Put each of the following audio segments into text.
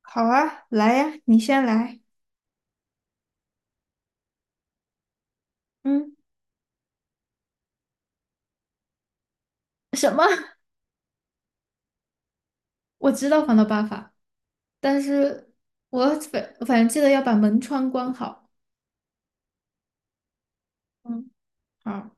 好啊，来呀，你先来。嗯，什么？我知道防盗办法，但是我反正记得要把门窗关好。嗯，好，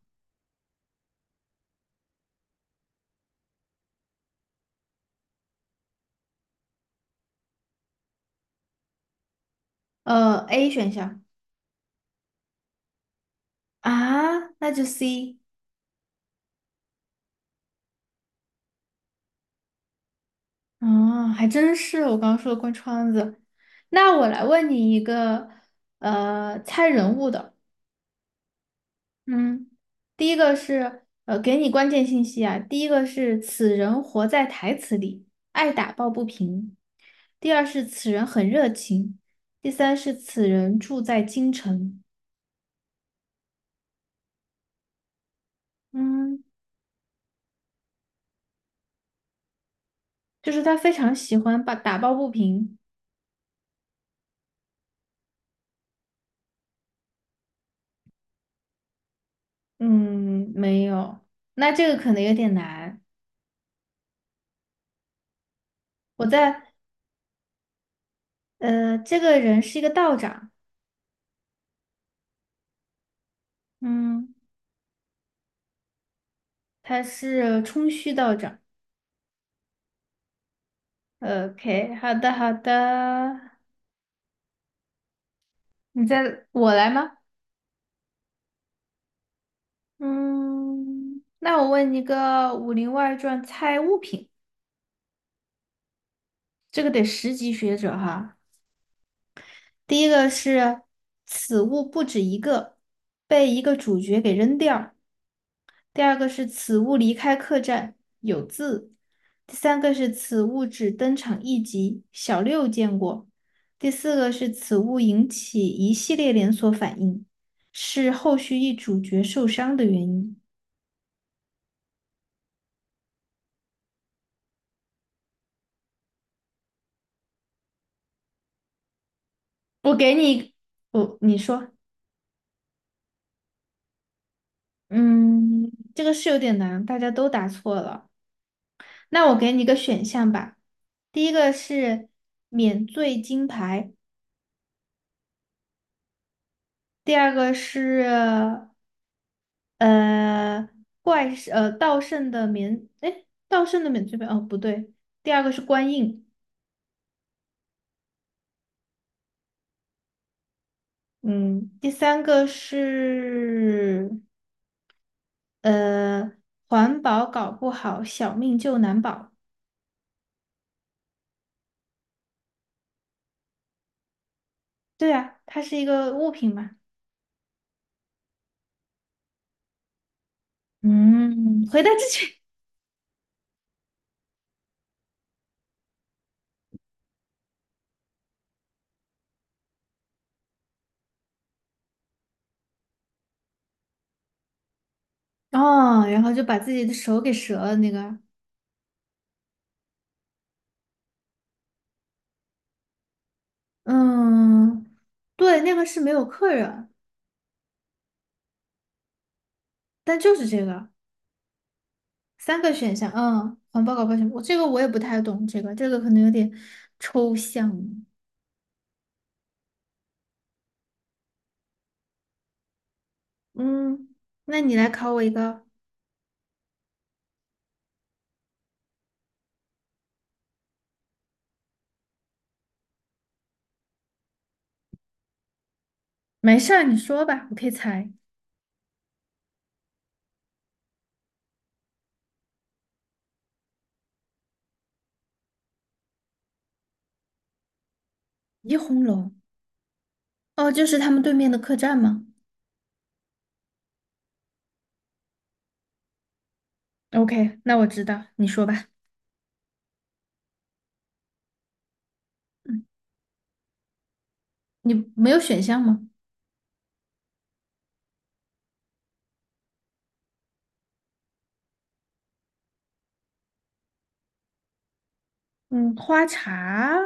A 选项啊，那就 C。啊，还真是我刚刚说的关窗子。那我来问你一个猜人物的。嗯，第一个是给你关键信息啊。第一个是此人活在台词里，爱打抱不平；第二是此人很热情；第三是此人住在京城。嗯，就是他非常喜欢把打抱不平。嗯，没有，那这个可能有点难。我在这个人是一个道长，嗯，他是冲虚道长。OK，好的好的，你在我来吗？嗯，那我问你个《武林外传》猜物品，这个得十级学者哈。第一个是此物不止一个，被一个主角给扔掉；第二个是此物离开客栈，有字；第三个是此物只登场一集，小六见过；第四个是此物引起一系列连锁反应，是后续一主角受伤的原因。我给你，我，你说。嗯，这个是有点难，大家都答错了。那我给你一个选项吧，第一个是免罪金牌，第二个是呃怪事盗圣的免，哎，盗圣的免罪牌，哦，不对，第二个是官印，嗯，第三个是呃环保搞不好，小命就难保。对啊，它是一个物品嘛。嗯，回答正确。哦，然后就把自己的手给折了那个，嗯，对，那个是没有客人，但就是这个三个选项，嗯，环保搞保险，我这个我也不太懂，这个可能有点抽象，嗯，那你来考我一个，没事儿，你说吧，我可以猜。怡红楼，哦，就是他们对面的客栈吗？OK，那我知道，你说吧。嗯，你没有选项吗？嗯，花茶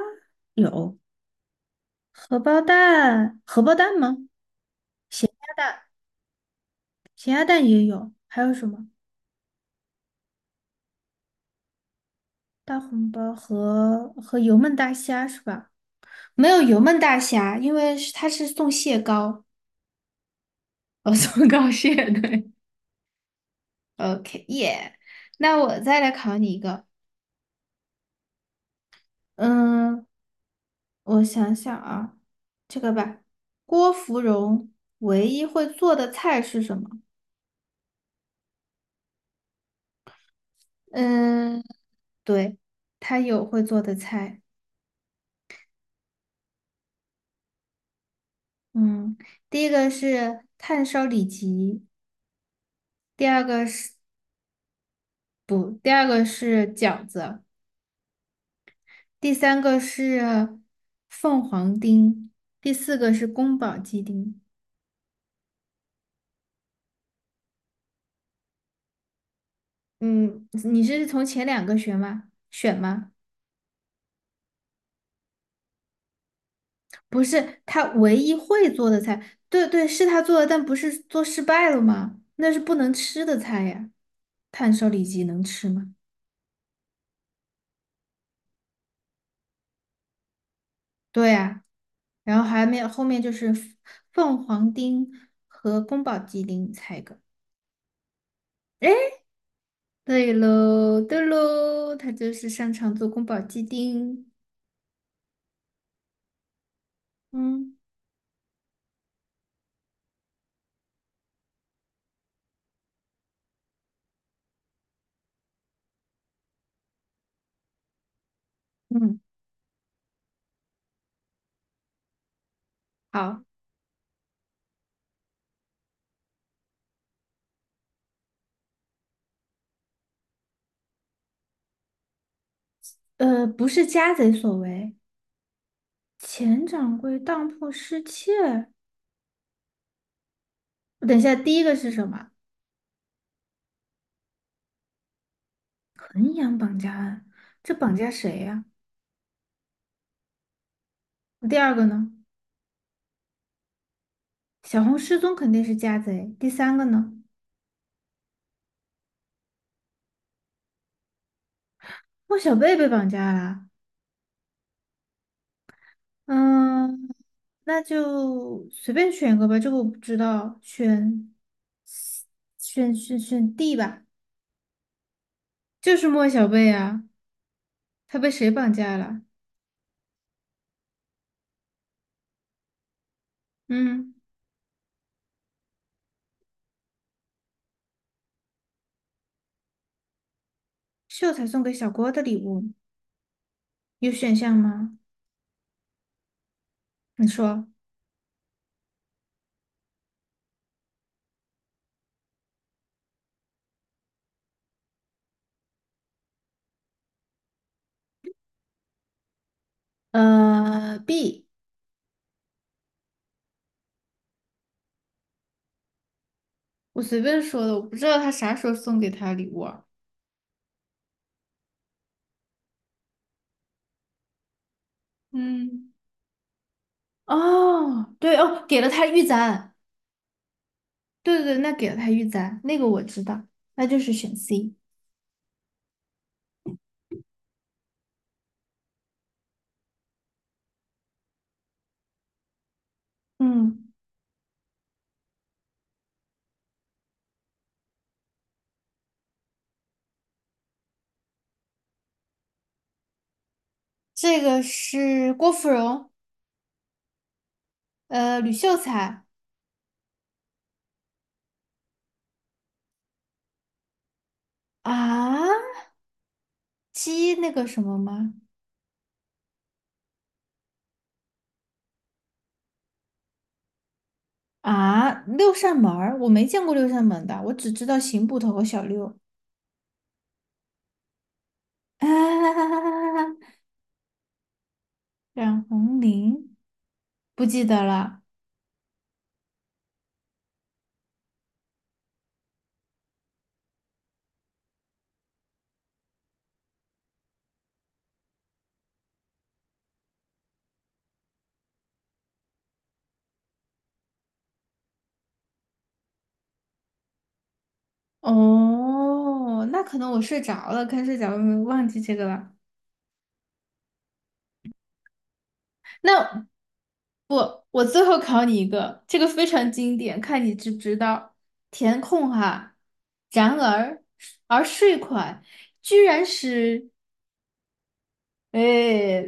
有，荷包蛋，荷包蛋吗？咸鸭蛋，咸鸭蛋也有，还有什么？大红包和油焖大虾是吧？没有油焖大虾，因为是它是送蟹膏，哦，送膏蟹，对。OK，耶、那我再来考你一个，嗯，我想想啊，这个吧，郭芙蓉唯一会做的菜是什么？嗯，对，她有会做的菜。嗯，第一个是炭烧里脊，第二个是不，第二个是饺子，第三个是凤凰丁，第四个是宫保鸡丁。嗯，你是从前两个选吗？选吗？不是，他唯一会做的菜，对对，是他做的，但不是做失败了吗？那是不能吃的菜呀，炭烧里脊能吃吗？对呀。然后还没有后面就是凤凰丁和宫保鸡丁，猜一个。对喽，对喽，他就是擅长做宫保鸡丁。嗯嗯，好，不是家贼所为，前掌柜当铺失窃。等一下，第一个是什么？衡阳绑架案，这绑架谁呀、第二个呢？小红失踪肯定是家贼。第三个呢？莫小贝被绑架了。嗯，那就随便选一个吧，这个我不知道，选 D 吧，就是莫小贝啊，他被谁绑架了？嗯，秀才送给小郭的礼物有选项吗？你说，B，我随便说的，我不知道他啥时候送给他礼物啊。嗯，哦，对哦，给了他玉簪，对对对，那给了他玉簪，那个我知道，那就是选 C。嗯，这个是郭芙蓉。吕秀才啊，鸡那个什么吗？啊，六扇门儿我没见过六扇门的，我只知道刑捕头和小六。啊，冉红绫不记得了。哦，那可能我睡着了，看睡着了，忘记这个了。那我最后考你一个，这个非常经典，看你知不知道。填空哈，然而税款居然是。哎，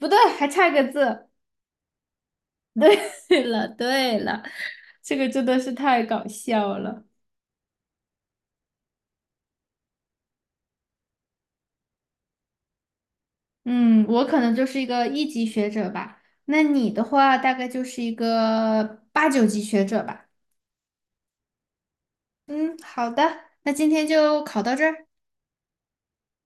不对，还差个字。对 了，对了，这个真的是太搞笑了。嗯，我可能就是一个一级学者吧，那你的话大概就是一个八九级学者吧。嗯，好的，那今天就考到这儿。